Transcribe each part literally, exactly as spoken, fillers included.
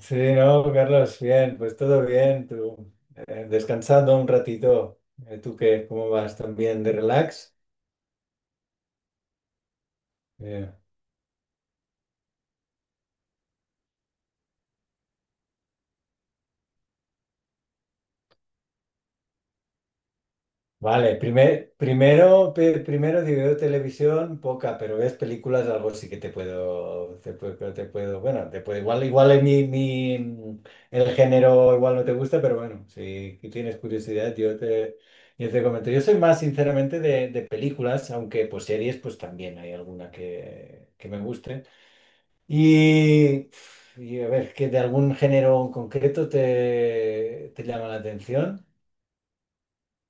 Sí, no, Carlos, bien, pues todo bien, tú, eh, descansando un ratito. Eh, ¿tú qué? ¿Cómo vas? ¿También de relax? Eh, vale, primer, primero, pe- primero si veo televisión, poca, pero ves películas, algo sí que te puedo, te puedo, te puedo, bueno, te puedo, igual, igual en mi, mi- el género igual no te gusta, pero bueno, si si tienes curiosidad, yo te, yo te comento. Yo soy más, sinceramente, de, de películas, aunque pues series, pues también hay alguna que, que me guste. Y, y a ver, ¿que de algún género en concreto te, te llama la atención?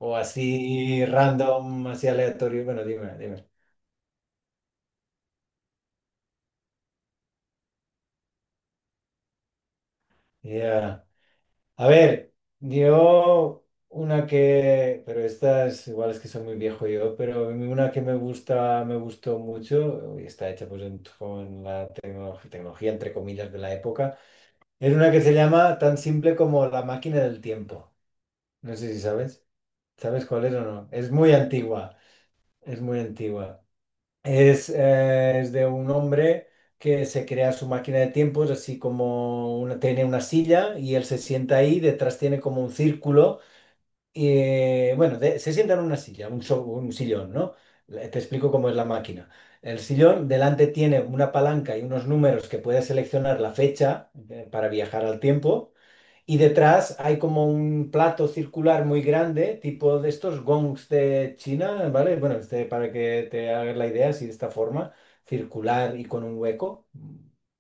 O así random, así aleatorio. Bueno, dime, dime. Ya. A ver, yo una que, pero estas igual es que soy muy viejo yo, pero una que me gusta, me gustó mucho, y está hecha pues en- con la tecno- tecnología, entre comillas, de la época, es una que se llama tan simple como La Máquina del Tiempo. No sé si sabes. ¿Sabes cuál es o no? Es muy antigua, es muy antigua. Es, eh, es de un hombre que se crea su máquina de tiempos, así como una, tiene una silla y él se sienta ahí, detrás tiene como un círculo y, eh, bueno, de- se sienta en una silla, un, so- un sillón, ¿no? Le- Te explico cómo es la máquina. El sillón delante tiene una palanca y unos números que puede seleccionar la fecha, eh, para viajar al tiempo. Y detrás hay como un plato circular muy grande, tipo de estos gongs de China, ¿vale? Bueno, este, para que te hagas la idea, así de esta forma, circular y con un hueco.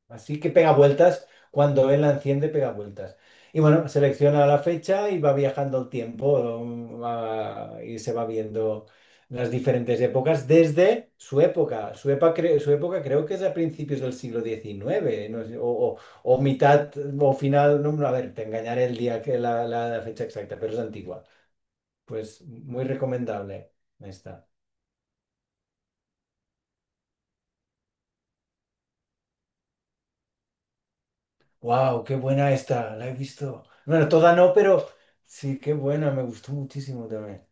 Así que pega vueltas, cuando él la enciende, pega vueltas. Y bueno, selecciona la fecha y va viajando el tiempo, um, a- y se va viendo las diferentes épocas desde su época. Su época, cre- su época creo que es a principios del siglo diecinueve, no sé, o, o- o mitad o final, no, no, a ver, te engañaré el día que la, la fecha exacta, pero es antigua. Pues muy recomendable esta. ¡Wow! ¡Qué buena esta! La he visto. Bueno, toda no, pero sí, qué buena, me gustó muchísimo también.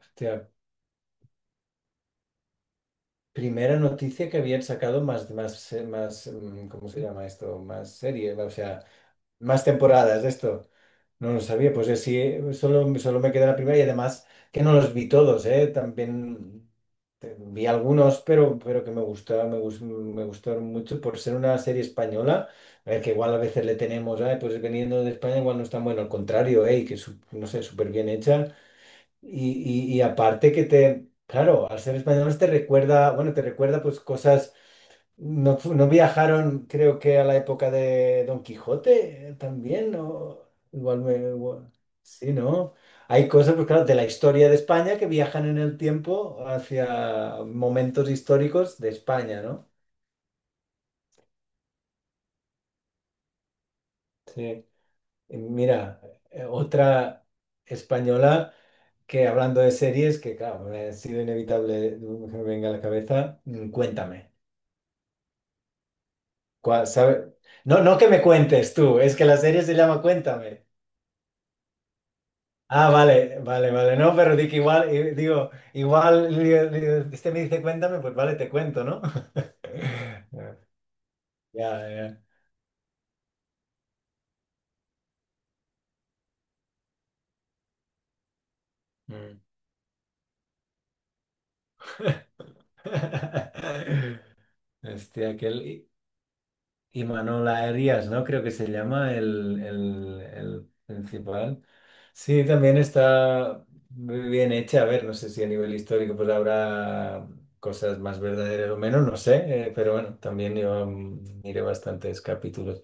Hostia, primera noticia que habían sacado más, más, más, mm, ¿cómo se llama esto? Más serie, o sea, más temporadas de esto. No lo sabía, pues eh, sí, eh, solo, solo me quedé la primera y además que no los vi todos, ¿eh? También te- vi algunos, pero, pero que me gustó, me gus- me gustaron mucho por ser una serie española, eh, que igual a veces le tenemos, "Ay, pues veniendo de España igual no es tan bueno", al contrario, ¿eh? Y que su- no sé, súper bien hecha. Y, y, y aparte que te, claro, al ser españoles te recuerda, bueno, te recuerda pues cosas no, fu- no viajaron, creo que a la época de Don Quijote eh, también, ¿no? Igual me... igual- Sí, ¿no? Hay cosas, pues claro, de la historia de España que viajan en el tiempo hacia momentos históricos de España, ¿no? Sí. Y mira, eh, otra española que hablando de series, que claro, me ha sido inevitable mm, que me venga a la cabeza, mm, cuéntame. ¿Cuál- sabe? No, no que me cuentes tú, es que la serie se llama Cuéntame. Ah, vale, vale, vale. No, pero di que igual, eh, digo, igual, digo, digo, este me dice cuéntame, pues vale, te cuento, ¿no? Ya, ya. Mm. Este, aquel I- Imanol Arias, ¿no? Creo que se llama el, el, el principal. Sí, también está muy bien hecha. A ver, no sé si a nivel histórico pues habrá cosas más verdaderas o menos, no sé, eh, pero bueno, también yo mm, miré bastantes capítulos.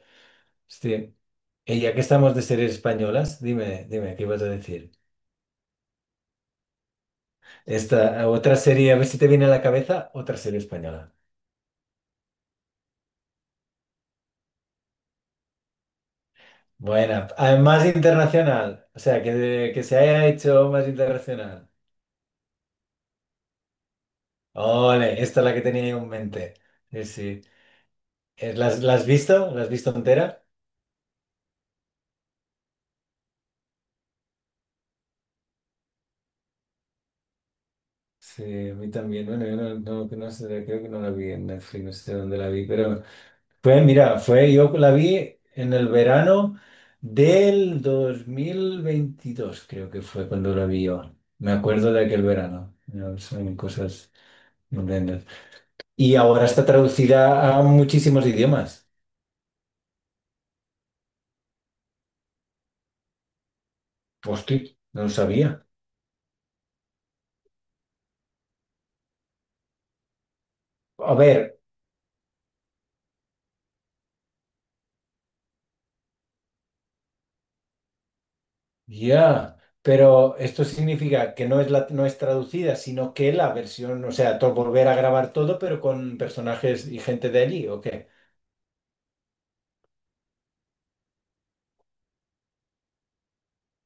Sí. Y ya que estamos de series españolas, dime, dime, ¿qué ibas a decir? Esta otra serie, a ver si te viene a la cabeza, otra serie española. Buena, además internacional, o sea, que, que se haya hecho más internacional. Ole, esta es la que tenía yo en mente. Sí, sí. Eh, ¿Las, Las has visto? ¿La has visto entera? Sí, a mí también. Bueno, yo no, no, que no sé, creo que no la vi en Netflix, no sé dónde la vi, pero Fue, mira, fue, yo la vi en el verano del dos mil veintidós creo que fue cuando la vi yo. Me acuerdo de aquel verano. No, son cosas tremendas. Y ahora está traducida a muchísimos idiomas. Hostia, no lo sabía. A ver, ya, pero esto significa que no es la, no es traducida, sino que la versión, o sea, to- volver a grabar todo, pero con personajes y gente de allí, ¿o qué?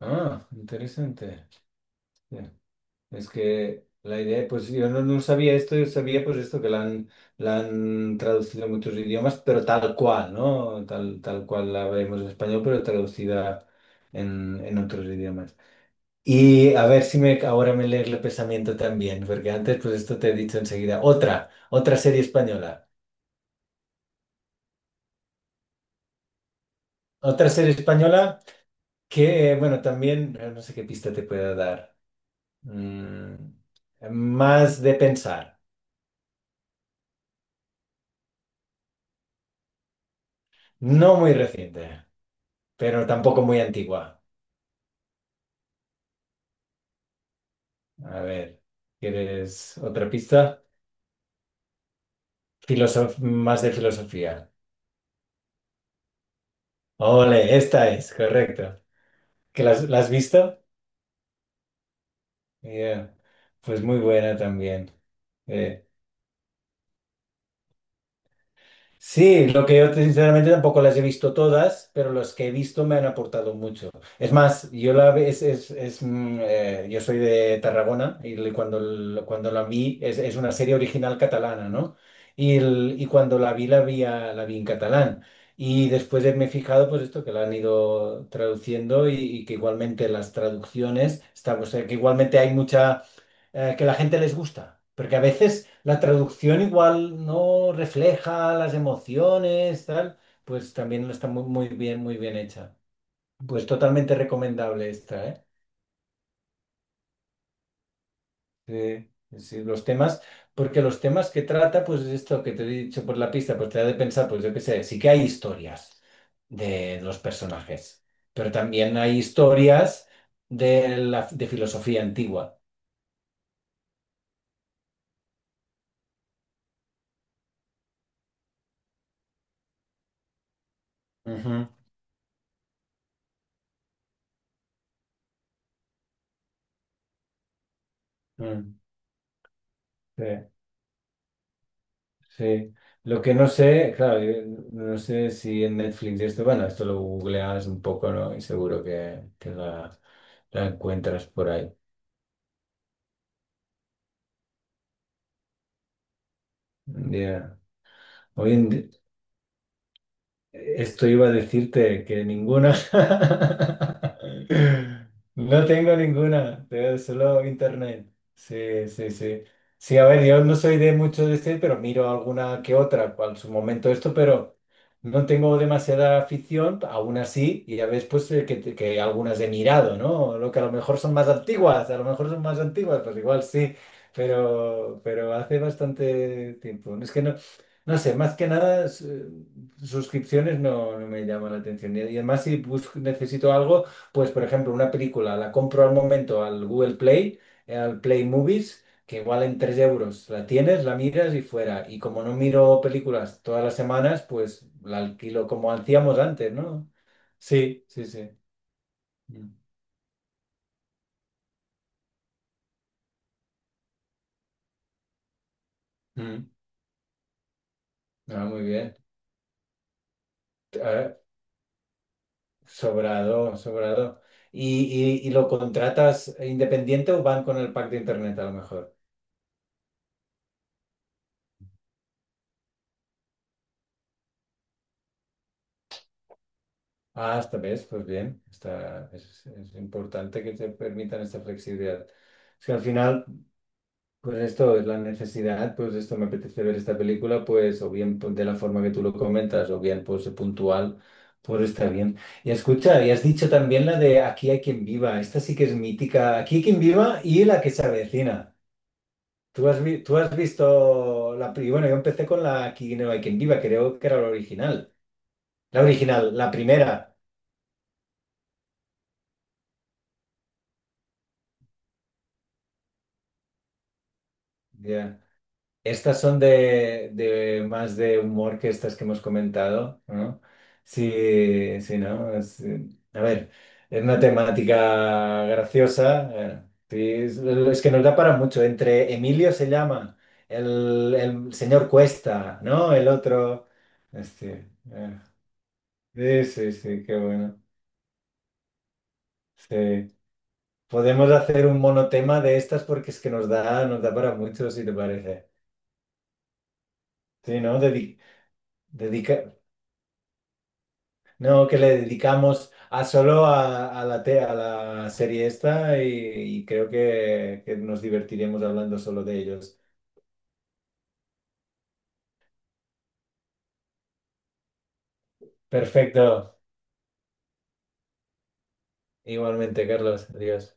Ah, interesante. Es que la idea, pues yo no, no sabía esto, yo sabía pues esto, que la han, la han traducido a muchos idiomas, pero tal cual, ¿no? Tal, tal cual la vemos en español, pero traducida en, en otros idiomas. Y a ver si me, ahora me lees el pensamiento también, porque antes pues esto te he dicho enseguida. Otra, otra serie española. Otra serie española que, eh, bueno, también, eh, no sé qué pista te pueda dar. Mm, Más de pensar. No muy reciente, pero tampoco muy antigua. A ver, ¿quieres otra pista? Filosof- más de filosofía. Ole, esta es, correcto. ¿Que las- la, Has visto? Yeah. Pues muy buena también. Eh, Sí, lo que yo te- sinceramente tampoco las he visto todas, pero las que he visto me han aportado mucho. Es más, yo la ve- es, es, es, mm, eh, yo soy de Tarragona y le- cuando, l- cuando la vi es, es una serie original catalana, ¿no? Y, el- y cuando la vi la vi, a- la vi en catalán. Y después he- me he fijado pues esto que la han ido traduciendo y, y que igualmente las traducciones, estamos, que igualmente hay mucha eh, que la gente les gusta, porque a veces la traducción igual no refleja las emociones, tal, pues también no está muy, muy bien, muy bien hecha. Pues totalmente recomendable esta, ¿eh? Sí, sí, los temas, porque los temas que trata, pues esto que te he dicho por la pista, pues te da de pensar, pues yo qué sé, sí que hay historias de los personajes, pero también hay historias de la de filosofía antigua. Ujú, mm, sí. Sí. Lo que no sé, claro, yo no sé si en Netflix esto, bueno, esto lo googleas un poco, ¿no? Y seguro que, que la, la encuentras por ahí. Ya. Hoy en, di- Esto iba a decirte que ninguna. No tengo ninguna, tengo solo internet. Sí, sí, sí. Sí, a ver, yo no soy de mucho de este, pero miro alguna que otra, cual su momento esto, pero no tengo demasiada afición, aún así, y ya ves pues eh, que, que algunas he mirado, ¿no? Lo que a lo mejor son más antiguas, a lo mejor son más antiguas, pues igual sí, pero, pero hace bastante tiempo. Es que no, no sé, más que nada. Suscripciones no, no me llama la atención. Y además, si busco- necesito algo, pues por ejemplo, una película, la compro al momento al Google Play, eh, al Play Movies, que igual en tres euros la tienes, la miras y fuera. Y como no miro películas todas las semanas, pues la alquilo como hacíamos antes, ¿no? Sí, sí, sí. Mm. Mm. Ah, muy bien. Ah, sobrado, sobrado. ¿Y, y, Y lo contratas independiente o van con el pack de internet a lo mejor? Ah, esta vez, pues bien, está, es, es importante que te permitan esta flexibilidad. Es que al final, pues esto es la necesidad, pues esto me apetece ver esta película, pues o bien pues, de la forma que tú lo comentas, o bien pues puntual, pues está bien. Y escucha, y has dicho también la de Aquí hay quien viva, esta sí que es mítica, Aquí hay quien viva y La que se avecina. Tú has, vi- tú has visto la... pri- Bueno, yo empecé con la Aquí no hay quien viva, creo que era la original. La original, la primera. Ya. Estas son de, de más de humor que estas que hemos comentado, ¿no? Sí, sí, ¿no? Es, eh, a ver, es una temática graciosa. Eh, sí, es, es que nos da para mucho. Entre Emilio se llama, el, el señor Cuesta, ¿no? El otro. Este, eh, sí, sí, sí, qué bueno. Sí. Podemos hacer un monotema de estas porque es que nos da, nos da para mucho, si te parece. Sí, ¿no? Dedi- dedica- No, que le dedicamos a solo a, a la, te- a la serie esta y, y creo que, que nos divertiremos hablando solo de ellos. Perfecto. Igualmente, Carlos. Adiós.